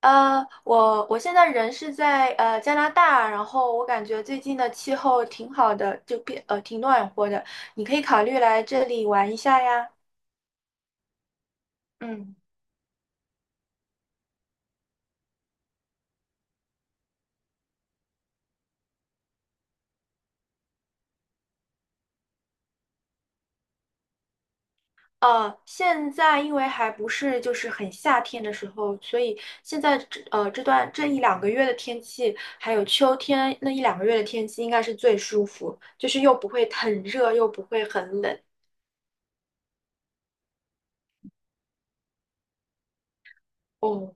我现在人是在加拿大，然后我感觉最近的气候挺好的，就变挺暖和的，你可以考虑来这里玩一下呀。嗯。现在因为还不是就是很夏天的时候，所以现在这一两个月的天气，还有秋天那一两个月的天气应该是最舒服，就是又不会很热，又不会很冷。哦。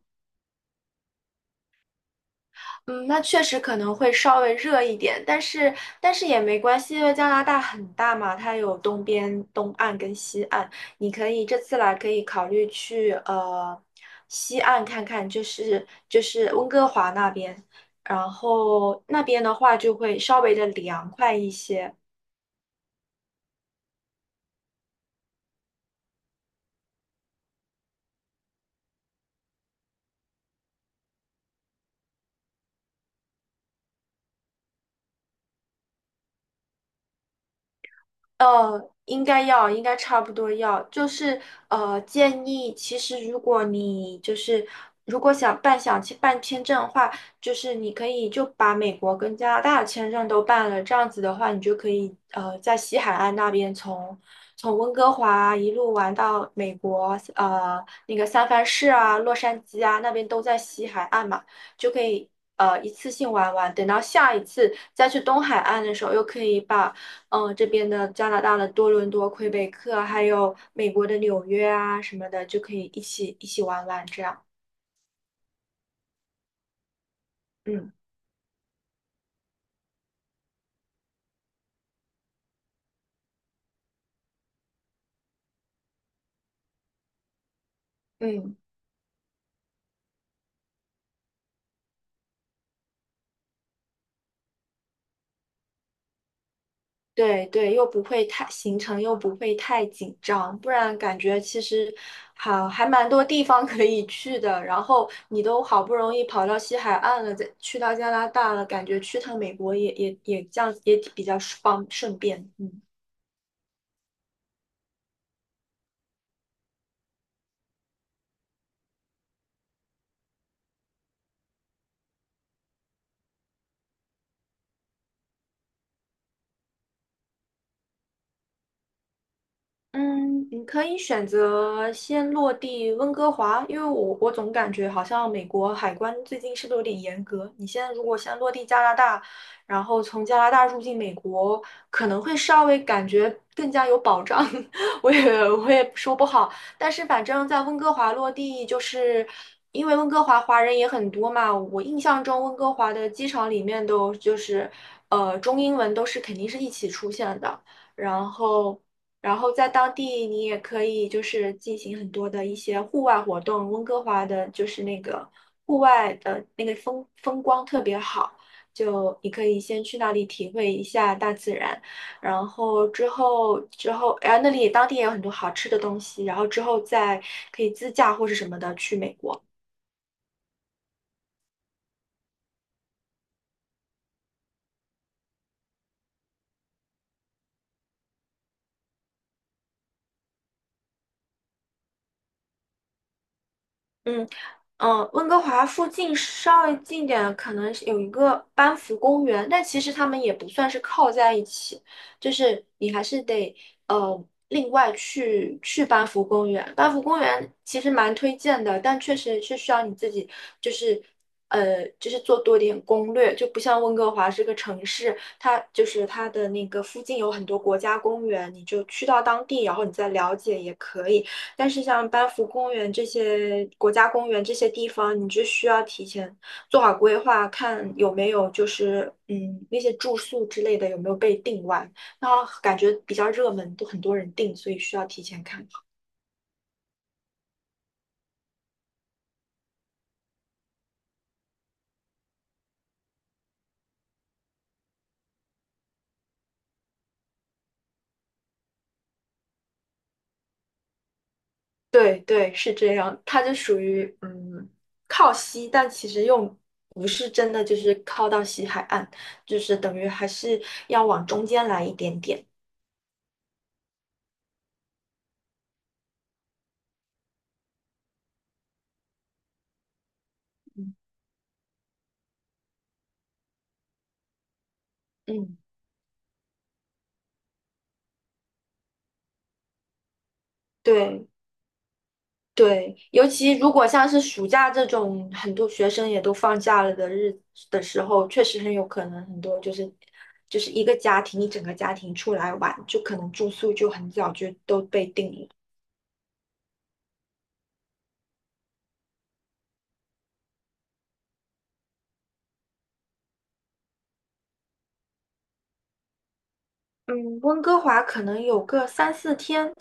嗯，那确实可能会稍微热一点，但是也没关系，因为加拿大很大嘛，它有东边、东岸跟西岸，你可以这次来可以考虑去西岸看看，就是温哥华那边，然后那边的话就会稍微的凉快一些。呃，应该要，应该差不多要，就是建议其实如果你就是如果想去办签证的话，就是你可以就把美国跟加拿大的签证都办了，这样子的话，你就可以在西海岸那边从温哥华啊一路玩到美国，那个三藩市啊、洛杉矶啊那边都在西海岸嘛，就可以。一次性玩完，等到下一次再去东海岸的时候，又可以把这边的加拿大的多伦多、魁北克，还有美国的纽约啊什么的，就可以一起玩玩这样。嗯嗯，对对，又不会太行程又不会太紧张，不然感觉其实好还蛮多地方可以去的。然后你都好不容易跑到西海岸了，再去到加拿大了，感觉去趟美国也这样也比较方顺便。嗯。嗯，你可以选择先落地温哥华，因为我总感觉好像美国海关最近是不是有点严格？你现在如果先落地加拿大，然后从加拿大入境美国，可能会稍微感觉更加有保障。我也说不好，但是反正在温哥华落地，就是因为温哥华华人也很多嘛，我印象中温哥华的机场里面都就是中英文都是肯定是一起出现的。然后然后在当地你也可以就是进行很多的一些户外活动。温哥华的就是那个户外的那个光特别好，就你可以先去那里体会一下大自然，然后之后，哎，那里当地也有很多好吃的东西，然后之后再可以自驾或是什么的去美国。嗯。嗯，温哥华附近稍微近点，可能是有一个班夫公园，但其实他们也不算是靠在一起，就是你还是得呃另外去班夫公园。班夫公园其实蛮推荐的，但确实是需要你自己就是就是做多点攻略，就不像温哥华这个城市，它就是它的那个附近有很多国家公园，你就去到当地，然后你再了解也可以。但是像班夫公园这些国家公园这些地方，你就需要提前做好规划，看有没有就是那些住宿之类的有没有被订完。然后感觉比较热门，都很多人订，所以需要提前看。对对，是这样，它就属于靠西，但其实又不是真的就是靠到西海岸，就是等于还是要往中间来一点点。嗯嗯，对。对，尤其如果像是暑假这种很多学生也都放假了的的时候，确实很有可能很多就是一整个家庭出来玩，就可能住宿就很早就都被定了。嗯，温哥华可能有个三四天。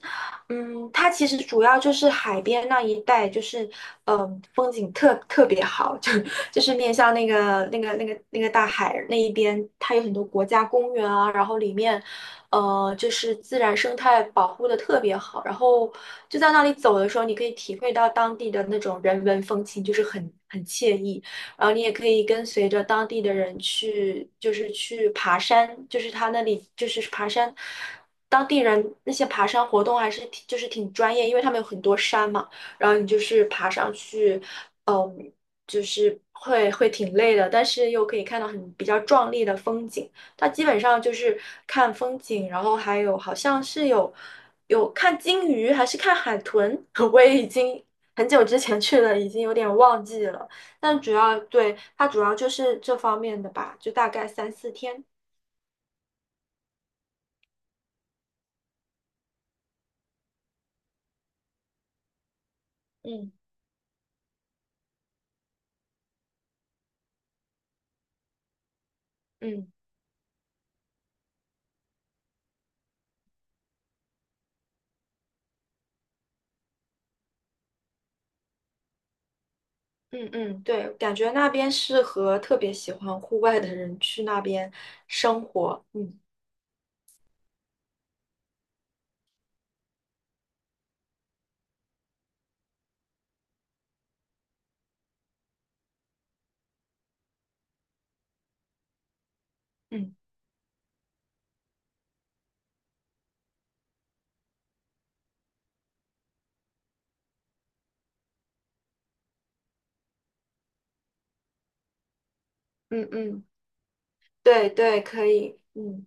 嗯，它其实主要就是海边那一带，就是风景别好，就是面向那个大海那一边，它有很多国家公园啊，然后里面，就是自然生态保护的特别好，然后就在那里走的时候，你可以体会到当地的那种人文风情，就是很惬意。然后你也可以跟随着当地的人去，就是去爬山，就是他那里就是爬山，当地人那些爬山活动还是挺就是挺专业，因为他们有很多山嘛，然后你就是爬上去。嗯，就是会挺累的，但是又可以看到很比较壮丽的风景。它基本上就是看风景，然后还有好像是有看鲸鱼还是看海豚，我也已经很久之前去了，已经有点忘记了。但主要对它主要就是这方面的吧，就大概三四天。嗯，嗯嗯嗯，对，感觉那边适合特别喜欢户外的人去那边生活。嗯嗯嗯嗯，对对，可以。嗯，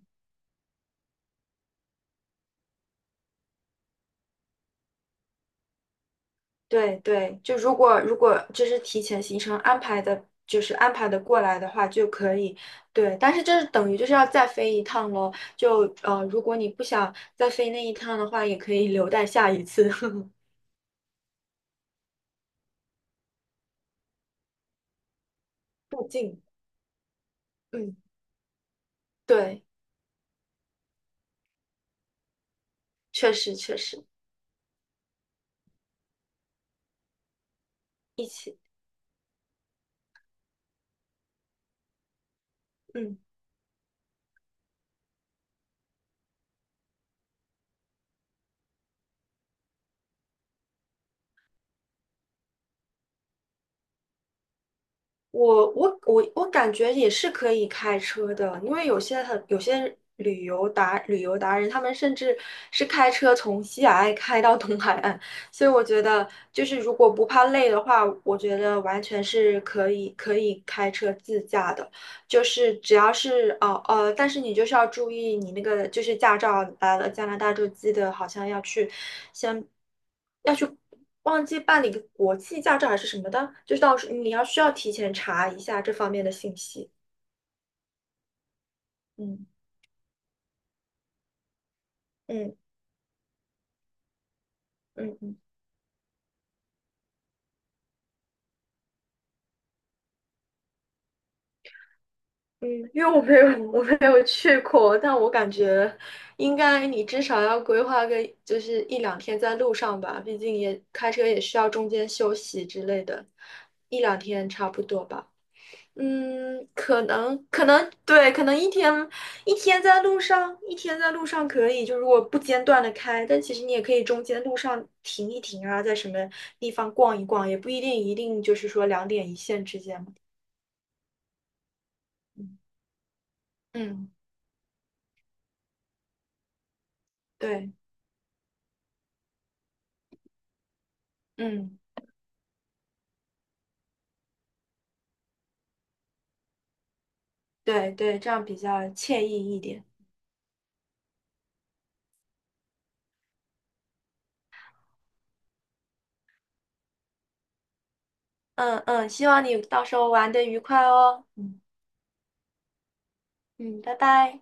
对对，就如果就是提前行程安排的，就是安排的过来的话就可以。对，但是就是等于就是要再飞一趟咯，如果你不想再飞那一趟的话，也可以留待下一次 入境。嗯。对，确实一起。嗯，我感觉也是可以开车的，因为有些旅游达人，他们甚至是开车从西海岸开到东海岸，所以我觉得就是如果不怕累的话，我觉得完全是可以开车自驾的。就是只要是但是你就是要注意你那个就是驾照来了加拿大就记得好像先要去忘记办理个国际驾照还是什么的，就是到时你要需要提前查一下这方面的信息。嗯嗯嗯嗯嗯，因为我没有去过，但我感觉应该你至少要规划个就是一两天在路上吧，毕竟也开车也需要中间休息之类的，一两天差不多吧。嗯，可能对，可能一天在路上，一天在路上可以，就如果不间断的开，但其实你也可以中间路上停一停啊，在什么地方逛一逛，也不一定一定就是说两点一线之间嘛。嗯，对。嗯，对对，这样比较惬意一点。嗯嗯，希望你到时候玩的愉快哦。嗯嗯，拜拜。